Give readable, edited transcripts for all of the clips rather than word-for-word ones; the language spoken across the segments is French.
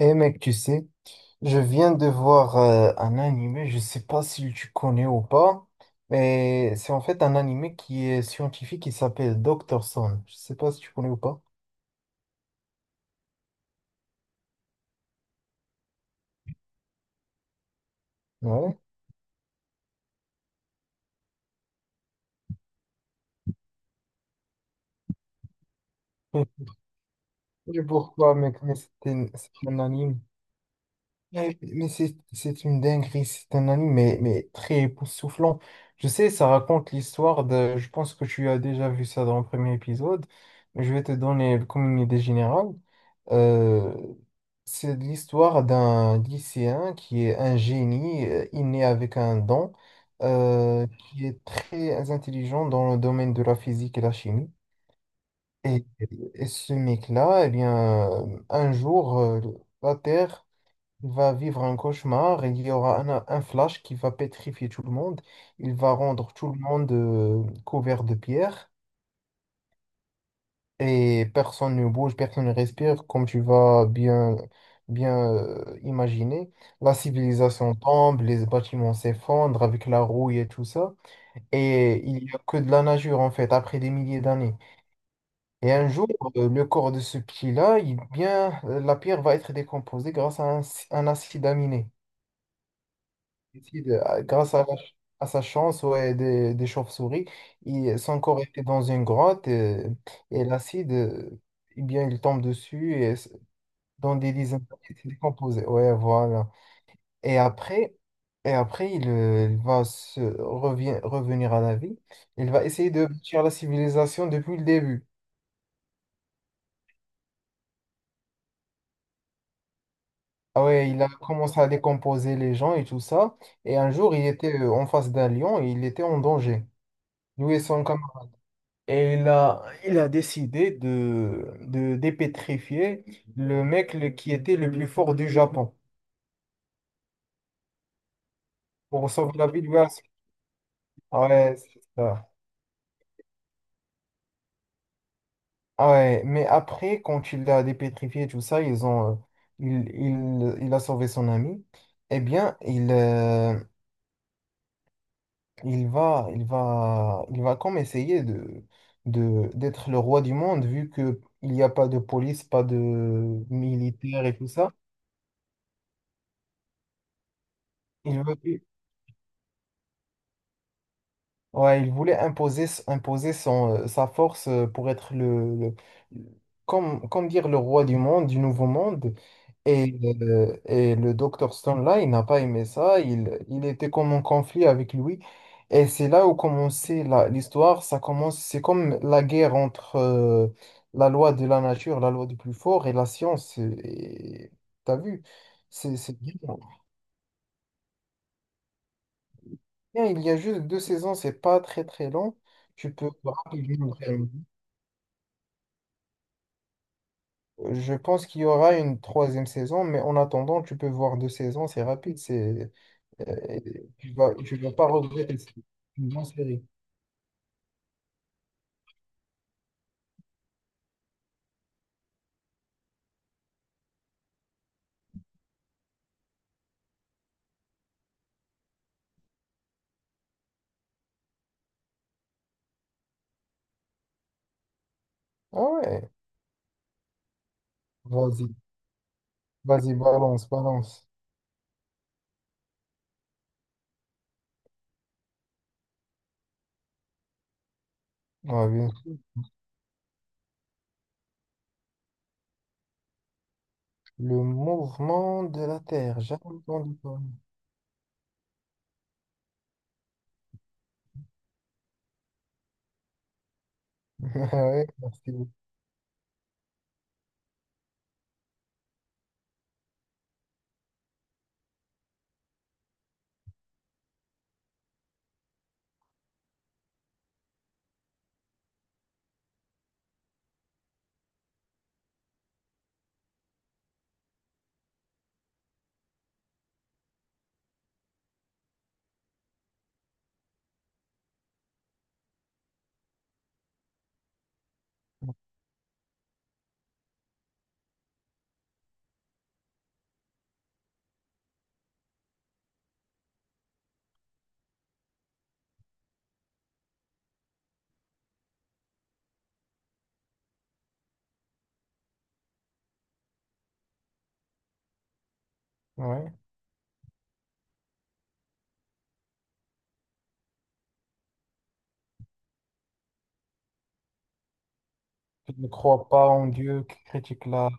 Eh mec, tu sais, je viens de voir un animé, je sais pas si tu connais ou pas, mais c'est en fait un animé qui est scientifique qui s'appelle Doctor Stone. Je sais pas si tu connais ou pas. Ouais. Je sais pourquoi, mec, mais c'est un anime. Mais c'est une dinguerie, c'est un anime mais très époustouflant. Je sais, ça raconte l'histoire de... Je pense que tu as déjà vu ça dans le premier épisode, mais je vais te donner le communiqué général. Euh, c'est l'histoire d'un lycéen qui est un génie inné avec un don, qui est très intelligent dans le domaine de la physique et la chimie. Et, et ce mec-là, eh bien, un jour, la Terre... Il va vivre un cauchemar, il y aura un flash qui va pétrifier tout le monde, il va rendre tout le monde couvert de pierre et personne ne bouge, personne ne respire, comme tu vas bien imaginer. La civilisation tombe, les bâtiments s'effondrent avec la rouille et tout ça, et il n'y a que de la nageure en fait, après des milliers d'années. Et un jour, le corps de ce petit-là, il, bien, la pierre va être décomposée grâce à un acide aminé. Il, grâce à, à sa chance ouais, des chauves-souris, il- son corps était dans une grotte et, l'acide, eh bien, il tombe dessus dans des dizaines d'années, il s'est décomposé. Ouais, voilà. Et après, et après il, revenir à la vie. Il va essayer de bâtir la civilisation depuis le début. Ah ouais, il a commencé à décomposer les gens et tout ça. Et un jour, il était en face d'un lion et il était en danger. Lui et son... Et il a décidé de dépétrifier le mec qui était le plus fort du Japon pour sauver la vie du gars. Ah ouais, c'est ça. Ah ouais, mais après, quand il l'a dépétrifié, tout ça, ils ont, il a sauvé son ami. Eh bien, il, il va comme essayer d'être le roi du monde, vu que il n'y a pas de police, pas de militaire et tout ça. Il veut, ouais, il voulait imposer, imposer son, sa force pour être comme, comme dire le roi du monde, du nouveau monde. Et le docteur Stone, là, il n'a pas aimé ça. Il était comme en conflit avec lui. Et c'est là où commençait l'histoire. Ça commence, c'est comme la guerre entre la loi de la nature, la loi du plus fort et la science. Et, t'as vu? C'est bien. Bien, il y a juste deux saisons, c'est pas très très long. Tu peux rapidement. Je pense qu'il y aura une troisième saison, mais en attendant, tu peux voir deux saisons, c'est rapide, c'est euh, tu vas pas regretter. C'est une bonne série. Ah ouais, vas-y, vas-y, balance, balance. Ah, bien sûr. Le mouvement de la Terre, jamais entendu parler. Ah ouais, merci beaucoup. Ouais. Je ne crois pas en Dieu qui critique là.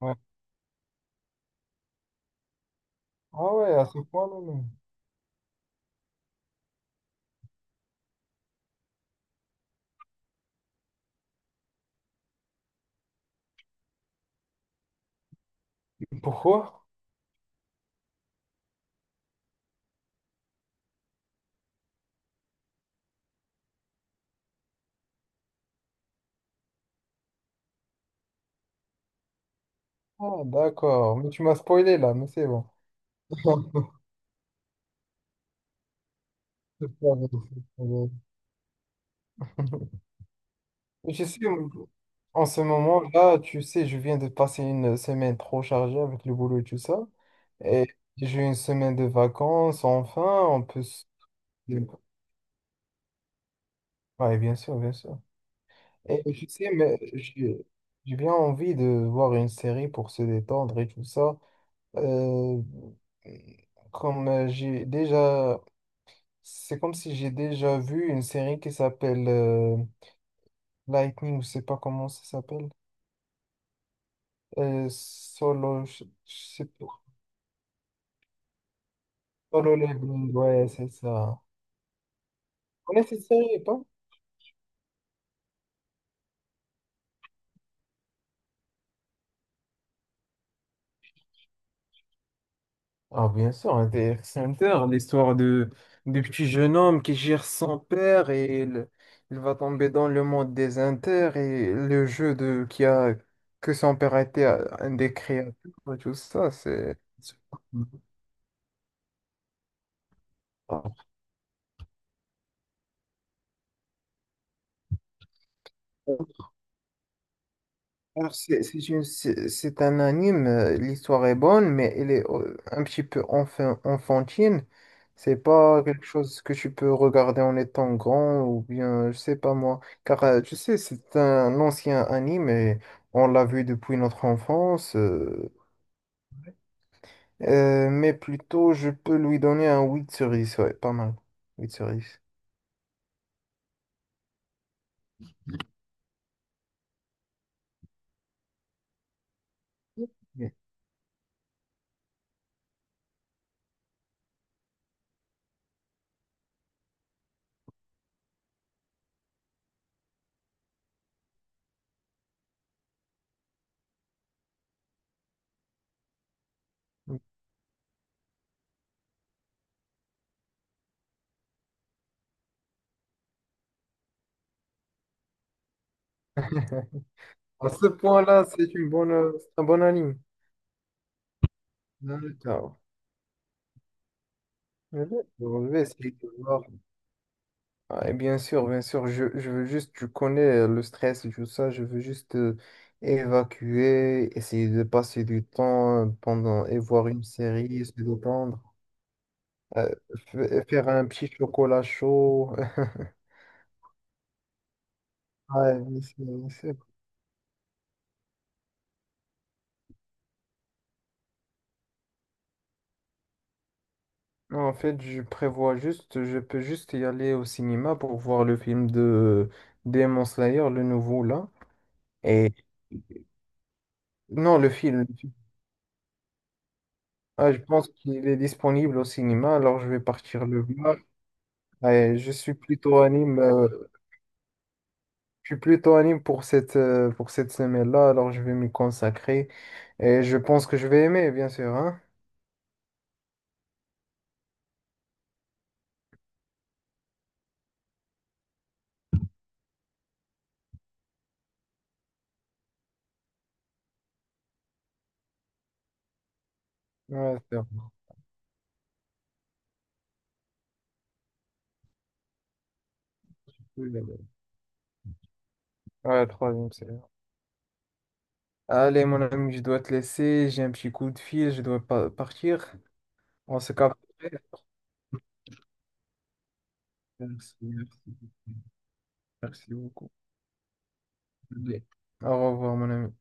Ouais. Ah ouais, à ce point-là. Non. Pourquoi? Ah d'accord, mais tu m'as spoilé là, mais c'est bon. C'est pas grave, c'est pas grave. Je sais, en ce moment-là, tu sais, je viens de passer une semaine trop chargée avec le boulot et tout ça. Et j'ai une semaine de vacances, enfin, on peut... se- ouais, bien sûr, bien sûr. Et tu sais, mais j'ai bien envie de voir une série pour se détendre et tout ça. Euh, comme j'ai déjà... C'est comme si j'ai déjà vu une série qui s'appelle Lightning, je sais pas comment ça s'appelle. Solo, je sais pas. Solo Leveling, ouais, c'est ça. On cette série, pas? Ah, bien sûr, Hunter x Hunter, l'histoire de, du petit jeune homme qui gère son père et il va tomber dans le monde des Inter et le jeu de qui a que son père était un des créateurs et tout ça, c'est. Alors, c'est un anime, l'histoire est bonne, mais elle est un petit peu enfin, enfantine. C'est pas quelque chose que tu peux regarder en étant grand ou bien, je sais pas moi. Car, tu sais, c'est un ancien anime et on l'a vu depuis notre enfance. Euh, mais plutôt, je peux lui donner un 8 sur 10, ouais, pas mal. 8 sur 10. Bien. À ce point-là, c'est une bonne, c'est un bon anime. D'accord. Je vais essayer de voir. Ouais, bien sûr, je veux juste, tu connais le stress et tout ça, je veux juste évacuer, essayer de passer du temps pendant et voir une série, se détendre, euh, faire un petit chocolat chaud. Ouais, bien sûr, bien sûr. Non, en fait, je prévois juste, je peux juste y aller au cinéma pour voir le film de Demon Slayer, le nouveau là. Et non, le film. Le film. Ah, je pense qu'il est disponible au cinéma, alors je vais partir le voir. Ouais, je suis plutôt anime, je suis plutôt anime pour cette semaine-là, alors je vais m'y consacrer et je pense que je vais aimer, bien sûr, hein? Ouais, c'est bon. Oui, oui, oui. Ouais, troisième série. Allez, mon ami, je dois te laisser, j'ai un petit coup de fil, je dois partir. On se capte. Après. Merci, merci, merci beaucoup. Allez. Au revoir, mon ami.